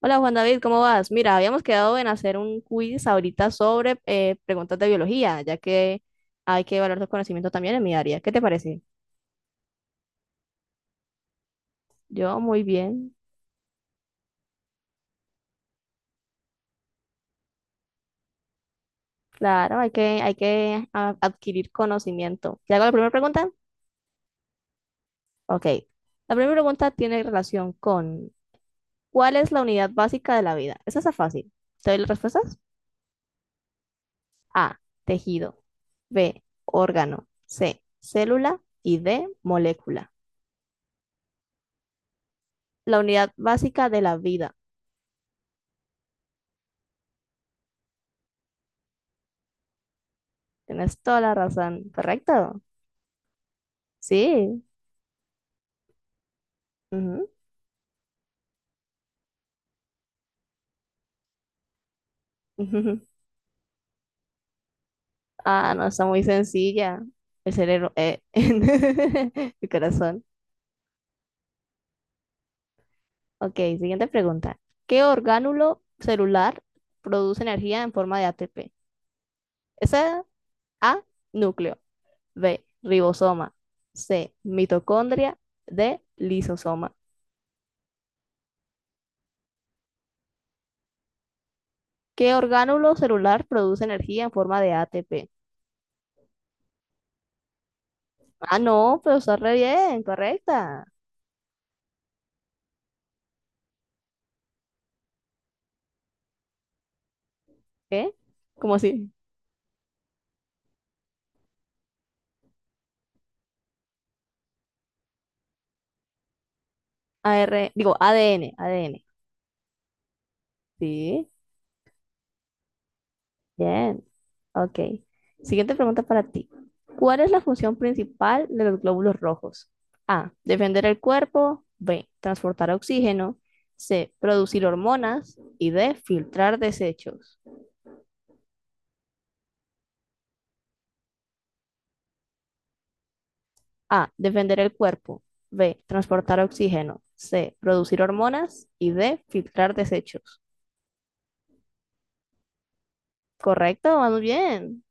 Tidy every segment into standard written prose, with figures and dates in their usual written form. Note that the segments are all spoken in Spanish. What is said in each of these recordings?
Hola Juan David, ¿cómo vas? Mira, habíamos quedado en hacer un quiz ahorita sobre preguntas de biología, ya que hay que evaluar tu conocimiento también en mi área. ¿Qué te parece? Yo muy bien. Claro, hay que adquirir conocimiento. ¿Te hago la primera pregunta? Ok. La primera pregunta tiene relación con ¿cuál es la unidad básica de la vida? Esa está fácil. ¿Te doy las respuestas? A, tejido. B, órgano. C, célula. Y D, molécula. La unidad básica de la vida. Tienes toda la razón, correcto. Sí. Ujú. Ujú. Ah, no, está muy sencilla. El cerebro, el corazón. Ok, siguiente pregunta. ¿Qué orgánulo celular produce energía en forma de ATP? Esa, A, núcleo. B, ribosoma. C, mitocondria. D, lisosoma. ¿Qué orgánulo celular produce energía en forma de ATP? Ah, no, pero está re bien, correcta. ¿Qué? ¿Cómo así? ADN, ADN. Sí, bien. Ok. Siguiente pregunta para ti. ¿Cuál es la función principal de los glóbulos rojos? A, defender el cuerpo. B, transportar oxígeno. C, producir hormonas. Y D, filtrar desechos. A, defender el cuerpo. B, transportar oxígeno. C, producir hormonas. Y D, filtrar desechos. Correcto, vamos bien.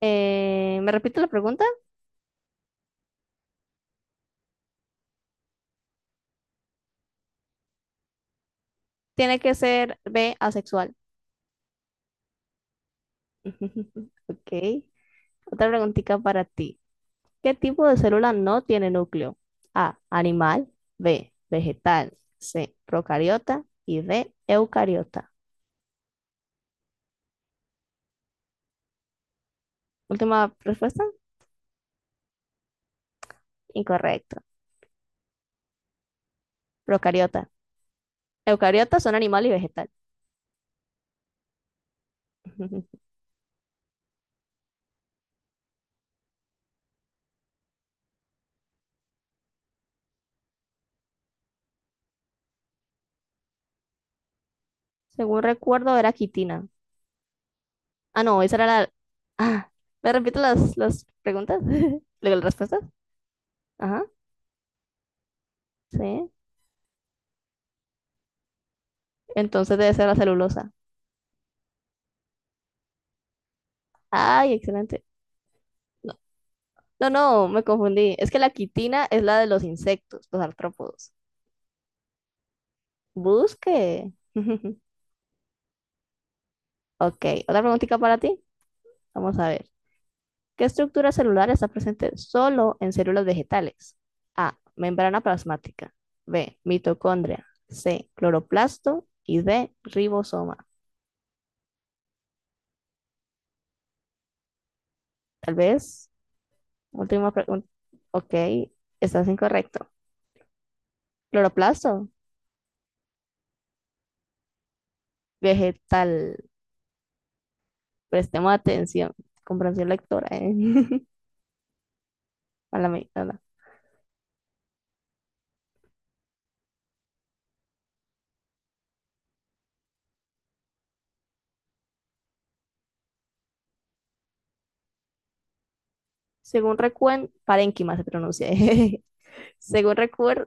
¿Me repito la pregunta? Tiene que ser B, asexual. Ok. Otra preguntita para ti. ¿Qué tipo de célula no tiene núcleo? A, animal. B, vegetal. C, procariota. Y D, eucariota. Última respuesta. Incorrecto. Procariota. Eucariota son animal y vegetal. Según recuerdo, era quitina. Ah, no, esa era la. Ah, ¿me repito las preguntas? ¿Las respuestas? Ajá. Sí. Entonces debe ser la celulosa. Ay, excelente. No, no, me confundí. Es que la quitina es la de los insectos, los artrópodos. Busque. Ok, otra preguntita para ti. Vamos a ver. ¿Qué estructura celular está presente solo en células vegetales? A, membrana plasmática. B, mitocondria. C, cloroplasto. Y D, ribosoma. Tal vez. Última pregunta. Ok, estás incorrecto. Cloroplasto. Vegetal. Prestemos atención. Comprensión lectora, ¿eh? A la, a la- Según recuerdo, parénquima se pronuncia. Según recuerdo,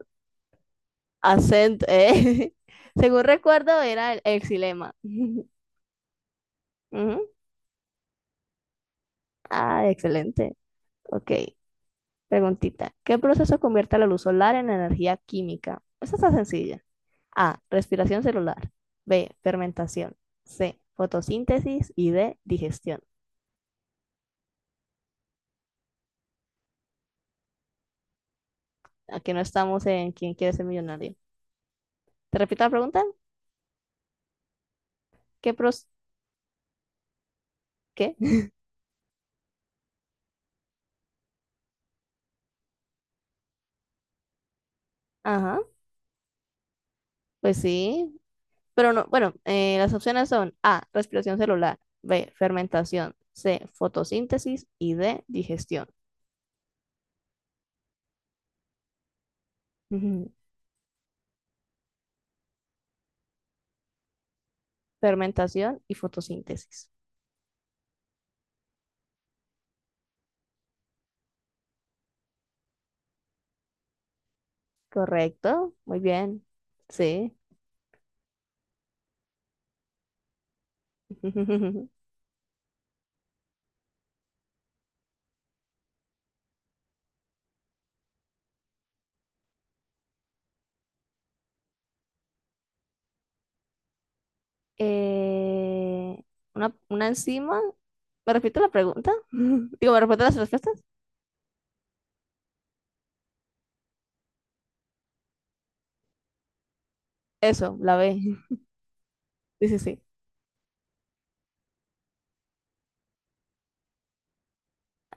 acento. Según recuerdo, era el exilema. Ujú. Ah, excelente. Ok, preguntita. ¿Qué proceso convierte la luz solar en energía química? Esta está sencilla. A, respiración celular. B, fermentación. C, fotosíntesis. Y D, digestión. Aquí no estamos en quién quiere ser millonario. ¿Te repito la pregunta? ¿Qué pros... ¿Qué? Ajá. Pues sí. Pero no, bueno, las opciones son A, respiración celular, B, fermentación, C, fotosíntesis y D, digestión. Ujú. Fermentación y fotosíntesis. Correcto, muy bien. Sí. Eh, una enzima. ¿Me repite la pregunta? Digo, ¿me repite las respuestas? Eso, la B. Sí, sí, sí.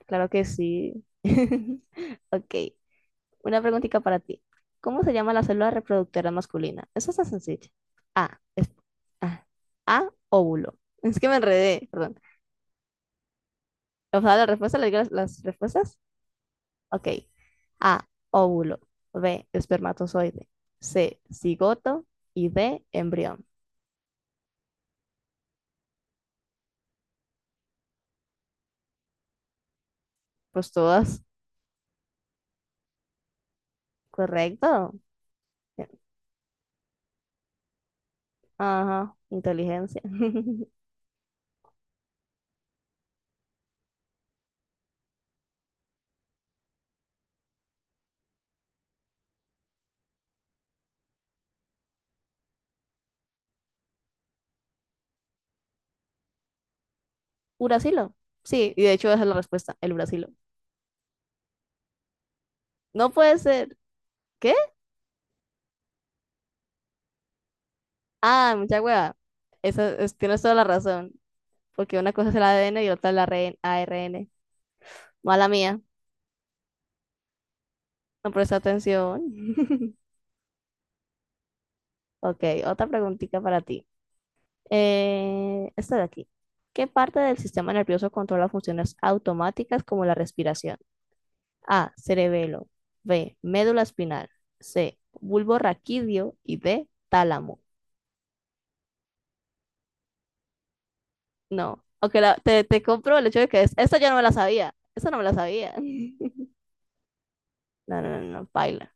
Claro que sí. Ok. Una preguntita para ti. ¿Cómo se llama la célula reproductora masculina? Eso está sencillo. A, es- ah, A, óvulo. Es que me enredé, perdón. O sea, la respuesta, le digo las respuestas. Ok. A, óvulo. B, espermatozoide. C, cigoto. Y D, embrión. Pues todas. Correcto. Ajá, inteligencia. Uracilo. Sí, y de hecho esa es la respuesta, el uracilo. No puede ser. ¿Qué? Ah, mucha hueva. Tienes toda la razón. Porque una cosa es el ADN y otra es la RN ARN. Mala mía. No presté atención. Ok, otra preguntita para ti. Esta de aquí. ¿Qué parte del sistema nervioso controla funciones automáticas como la respiración? A, cerebelo. B, médula espinal. C, bulbo raquídeo. Y D, tálamo. No. Ok, te compro el hecho de que es, esta ya no me la sabía. Esta no me la sabía. No, no, no, no, paila.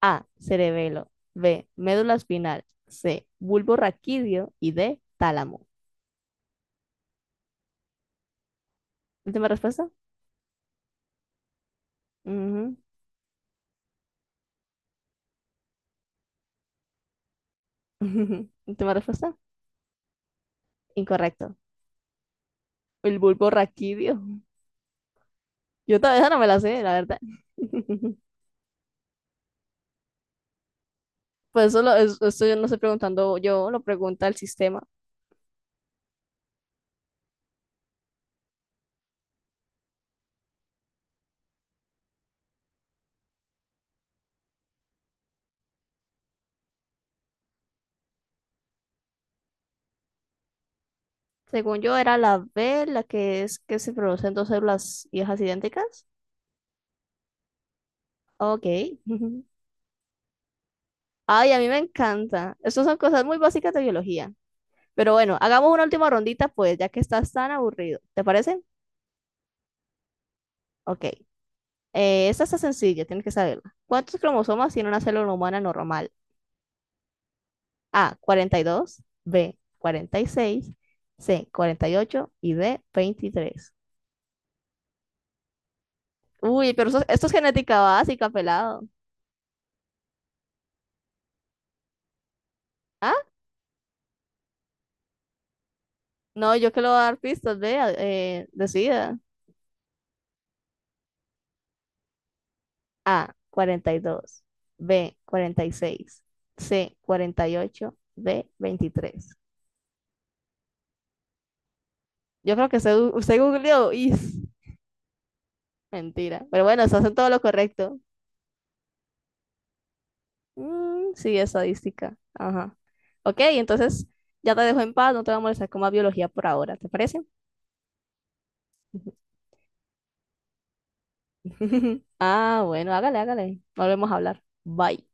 A, cerebelo. B, médula espinal. C, bulbo raquídeo. Y D, tálamo. Última respuesta. Ujú. Última respuesta. Incorrecto. El bulbo raquídeo. Yo todavía no me la sé, la verdad. Pues eso esto yo no estoy preguntando yo, lo pregunta el sistema. Según yo, era la B, la que es que se producen dos células hijas idénticas. Ok. Ay, a mí me encanta. Estas son cosas muy básicas de biología. Pero bueno, hagamos una última rondita, pues, ya que estás tan aburrido. ¿Te parece? Ok. Esta está sencilla, tienes que saberla. ¿Cuántos cromosomas tiene una célula humana normal? A, 42, B, 46, C, 48 y ocho y D, 23. Uy, pero esto es genética básica, pelado. ¿Ah? No, yo que lo voy a dar pistas, vea, decida. A, 42, B, 46, C, 48, D, 23. Yo creo que usted googleó y mentira. Pero bueno, se hacen todo lo correcto. Mm, sí, estadística. Ajá. Ok, entonces ya te dejo en paz, no te voy a molestar con más biología por ahora, ¿te parece? Ah, bueno, hágale, hágale. Volvemos a hablar. Bye.